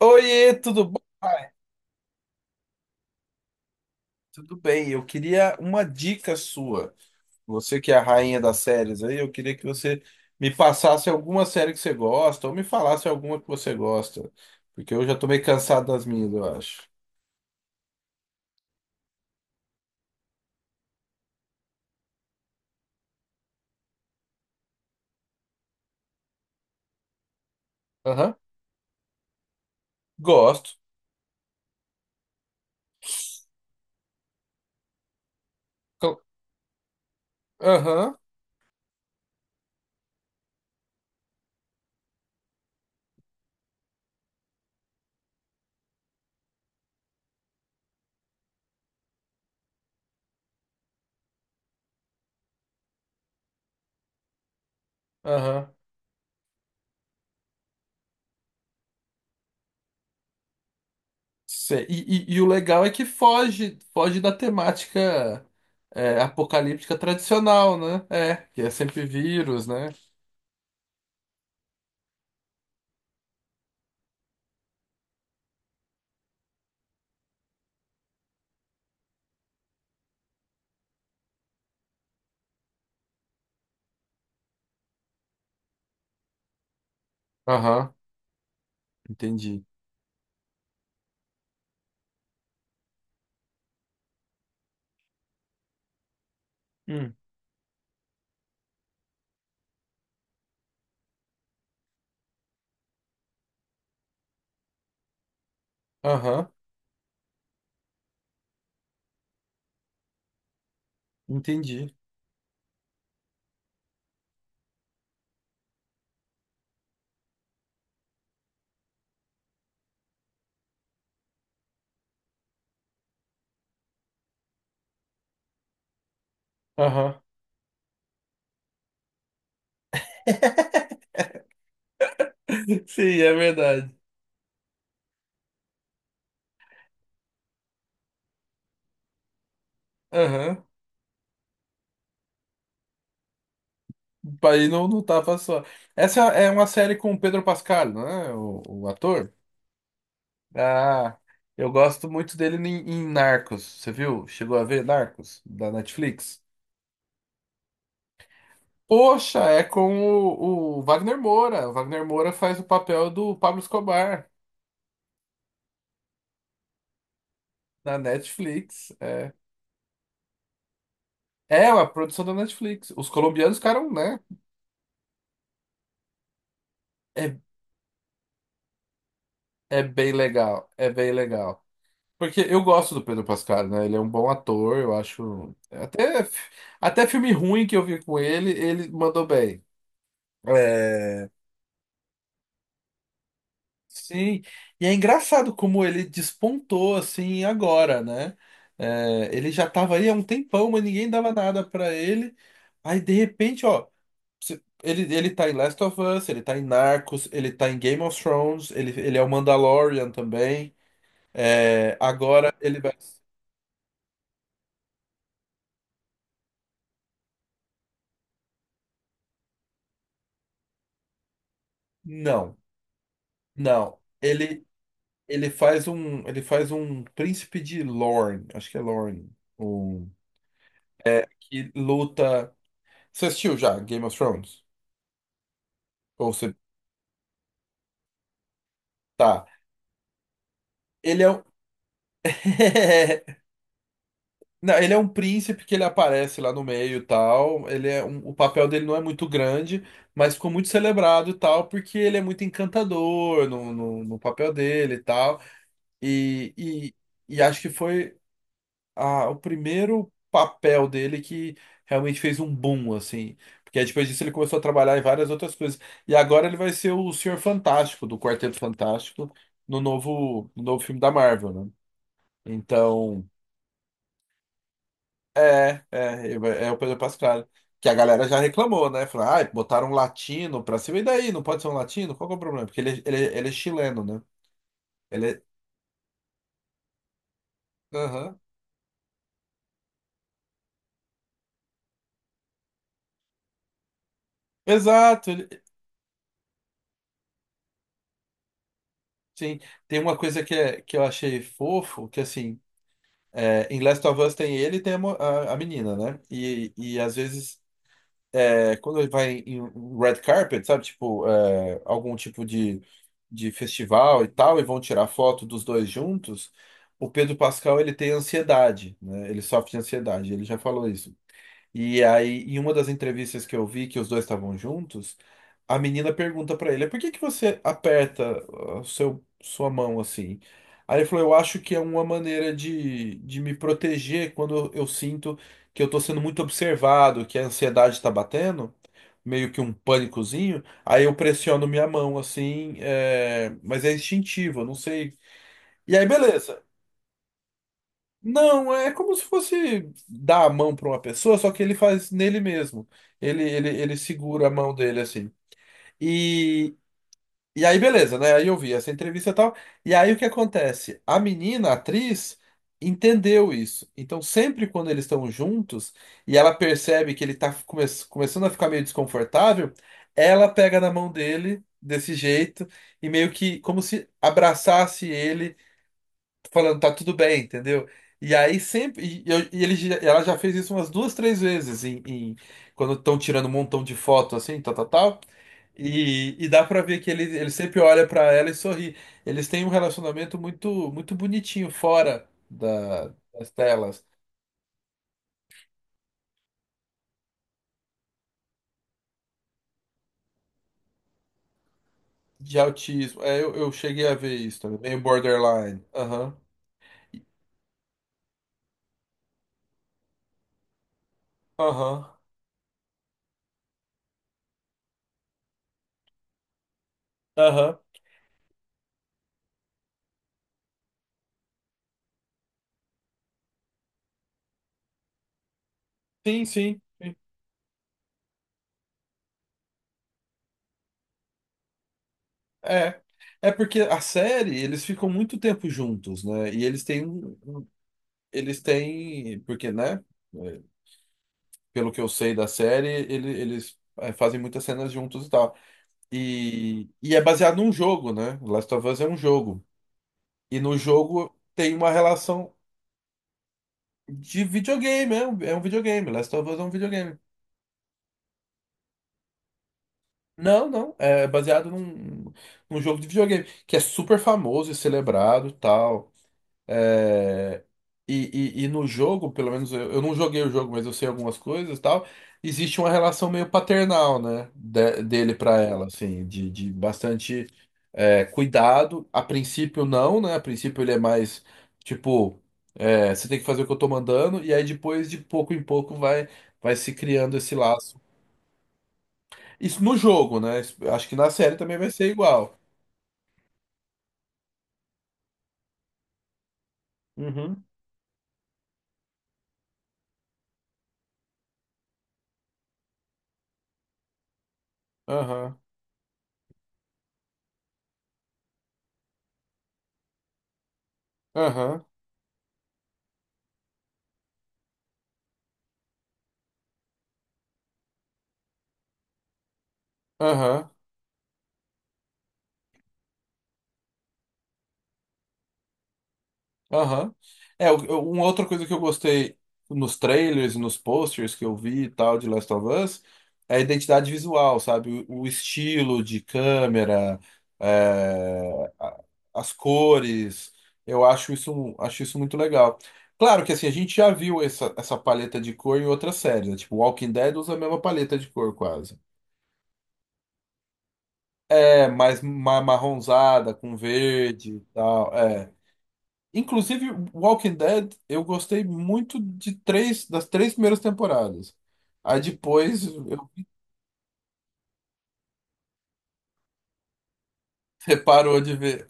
Oiê, tudo bom, pai? Tudo bem, eu queria uma dica sua. Você que é a rainha das séries aí, eu queria que você me passasse alguma série que você gosta, ou me falasse alguma que você gosta. Porque eu já tô meio cansado das minhas, eu acho. Aham, gosto. Cl- Aham, aham. Sei. E o legal é que foge, foge da temática apocalíptica tradicional, né? É, que é sempre vírus, né? Aham, entendi. Hum. Aham, entendi. Aham. Sim, é verdade. Aham. Aí não, não tava só. Essa é uma série com o Pedro Pascal, não é? O ator? Ah, eu gosto muito dele em Narcos. Você viu? Chegou a ver Narcos da Netflix? Poxa, é com o Wagner Moura. O Wagner Moura faz o papel do Pablo Escobar na Netflix. É, é uma produção da Netflix. Os colombianos ficaram, né? É, é bem legal. É bem legal. Porque eu gosto do Pedro Pascal, né? Ele é um bom ator, eu acho. Até, até filme ruim que eu vi com ele, ele mandou bem. É, sim. E é engraçado como ele despontou assim agora, né? É, ele já tava aí há um tempão, mas ninguém dava nada pra ele. Aí de repente, ó, ele tá em Last of Us, ele tá em Narcos, ele tá em Game of Thrones, ele é o Mandalorian também. É, agora ele vai. Não, não. Ele faz um príncipe de Lorne, acho que é Lorne, um, é, que luta. Você assistiu já Game of Thrones? Ou você tá? Ele é um Não, ele é um príncipe que ele aparece lá no meio e tal. O papel dele não é muito grande, mas ficou muito celebrado e tal, porque ele é muito encantador no papel dele e tal. E, e, e acho que foi. O primeiro papel dele que realmente fez um boom, assim. Porque aí depois disso ele começou a trabalhar em várias outras coisas. E agora ele vai ser o Senhor Fantástico, do Quarteto Fantástico, no novo filme da Marvel, né? Então, ele vai- é o Pedro Pascal. Que a galera já reclamou, né? Falou, ah, botaram um latino pra cima. E daí? Não pode ser um latino? Qual que é o problema? Porque ele é chileno, né? Ele é. Aham. Exato. Sim. Tem uma coisa que, é, que eu achei fofo, que assim. É, em Last of Us tem ele e tem a menina, né? E às vezes, é, quando ele vai em um red carpet, sabe? Tipo, é, algum tipo de festival e tal, e vão tirar foto dos dois juntos, o Pedro Pascal, ele tem ansiedade, né? Ele sofre de ansiedade, ele já falou isso. E aí, em uma das entrevistas que eu vi que os dois estavam juntos, a menina pergunta pra ele: "Por que que você aperta ah, seu sua mão assim?" Aí ele falou: "Eu acho que é uma maneira de me proteger quando eu sinto que eu tô sendo muito observado, que a ansiedade tá batendo, meio que um pânicozinho, aí eu pressiono minha mão assim, é, mas é instintivo, eu não sei." E aí, beleza. Não, é como se fosse dar a mão para uma pessoa, só que ele faz nele mesmo. Ele segura a mão dele assim. E, e aí, beleza, né? Aí eu vi essa entrevista e tal. E aí o que acontece? A menina, a atriz, entendeu isso. Então, sempre quando eles estão juntos e ela percebe que ele tá começando a ficar meio desconfortável, ela pega na mão dele desse jeito e meio que como se abraçasse ele falando, tá tudo bem, entendeu? E aí sempre. Ela já fez isso umas duas, três vezes, quando estão tirando um montão de foto assim, tal, tal, tal. E dá pra ver que ele sempre olha pra ela e sorri. Eles têm um relacionamento muito, muito bonitinho fora da- das telas. De autismo. É, eu cheguei a ver isso também. Meio borderline. Aham. Aham. Aham. Sim, sim. sim. É. É porque a série, eles ficam muito tempo juntos, né? E eles têm um, Eles têm, porque, né? eh, Pelo que eu sei da série, fazem muitas cenas juntos e tal. E é baseado num jogo, né? Last of Us é um jogo. E no jogo tem uma relação de videogame, é um videogame. Last of Us é um videogame. Não, não, é baseado num jogo de videogame, que é super famoso e celebrado e tal. É, e, e no jogo, pelo menos eu não joguei o jogo, mas eu sei algumas coisas e tal. Existe uma relação meio paternal, né? Dele pra ela, assim, de bastante é, cuidado. A princípio, não, né? A princípio, ele é mais tipo, é, você tem que fazer o que eu tô mandando, e aí depois, de pouco em pouco, vai se criando esse laço. Isso no jogo, né? Isso- Acho que na série também vai ser igual. Uhum. Aham. Aham. Aham. Aham. É, uma outra coisa que eu gostei nos trailers, nos posters que eu vi e tal de Last of Us é a identidade visual, sabe? O estilo de câmera, é, a- as cores. Eu acho isso muito legal. Claro que assim, a gente já viu essa paleta de cor em outras séries, né? Tipo, Walking Dead usa a mesma paleta de cor quase. É mais marronzada, com verde e tal. É. Inclusive, Walking Dead, eu gostei muito de 3, das 3 primeiras temporadas. Aí depois eu reparou de ver.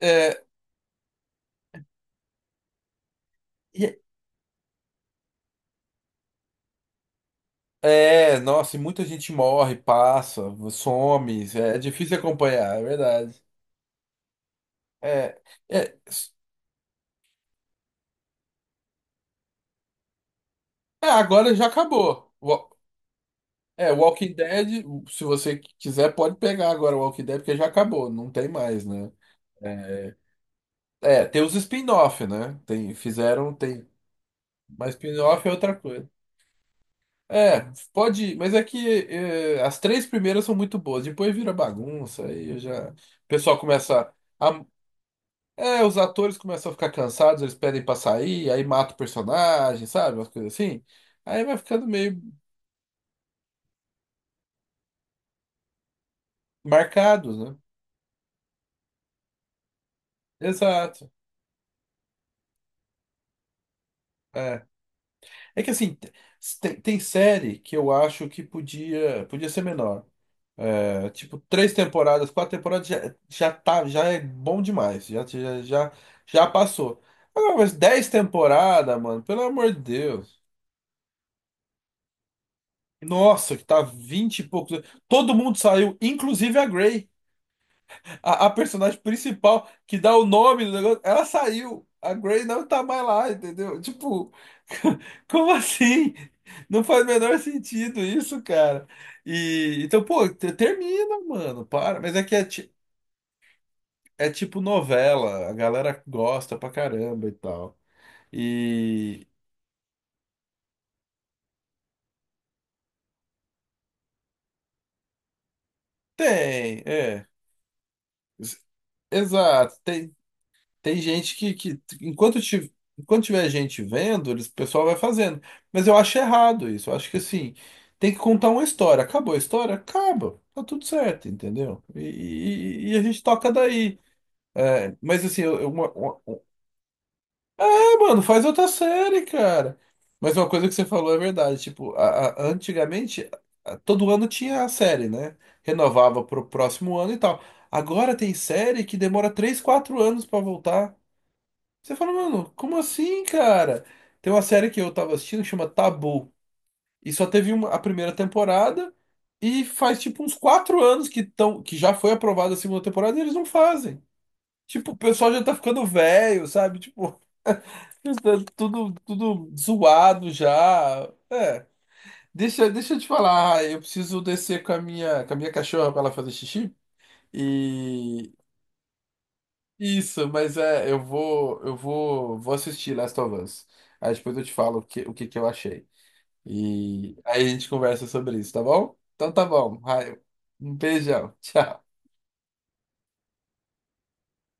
É, e- nossa, e muita gente morre, passa, some, é difícil acompanhar, é verdade. É, é, s- agora já acabou. É, Walking Dead, se você quiser, pode pegar agora o Walking Dead, porque já acabou, não tem mais, né? É, tem os spin-off, né? Tem, fizeram, tem. Mas spin-off é outra coisa. É, pode, mas é que as três primeiras são muito boas, depois vira bagunça, aí eu já. O pessoal começa a. É, os atores começam a ficar cansados, eles pedem pra sair, aí mata o personagem, sabe? Umas coisas assim. Aí vai ficando meio marcados, né? Exato. É, é que assim, tem série que eu acho que podia, podia ser menor. É, tipo, 3 temporadas, 4 temporadas já, já tá, já é bom demais. Já passou. Agora, mas 10 temporadas, mano, pelo amor de Deus. Nossa, que tá vinte e poucos. Todo mundo saiu, inclusive a Grey, a personagem principal que dá o nome do negócio. Ela saiu. A Grey não tá mais lá, entendeu? Tipo, como assim? Não faz o menor sentido isso, cara. E então, pô, termina, mano, para. Mas é que é. É tipo novela, a galera gosta pra caramba e tal. E tem, é. Ex- Exato, tem, tem gente enquanto tiver gente vendo, eles, o pessoal vai fazendo. Mas eu acho errado isso. Eu acho que assim, tem que contar uma história. Acabou a história? Acaba. Tá tudo certo, entendeu? E a gente toca daí. É, mas assim, uma, Mano, faz outra série, cara. Mas uma coisa que você falou é verdade. Tipo, antigamente, todo ano tinha a série, né? Renovava pro próximo ano e tal. Agora tem série que demora 3, 4 anos pra voltar. Você fala, mano, como assim, cara? Tem uma série que eu tava assistindo que chama Tabu. E só teve uma, a primeira temporada. E faz tipo uns 4 anos que, tão, que já foi aprovada a segunda temporada e eles não fazem. Tipo, o pessoal já tá ficando velho, sabe? Tipo, já tá tudo, tudo zoado já. É. Deixa, deixa eu te falar, Ah, eu preciso descer com a minha cachorra pra ela fazer xixi. E isso, mas é, vou assistir Last of Us. Aí depois eu te falo o que que eu achei. E aí a gente conversa sobre isso, tá bom? Então tá bom. Raio. Um beijão. Tchau.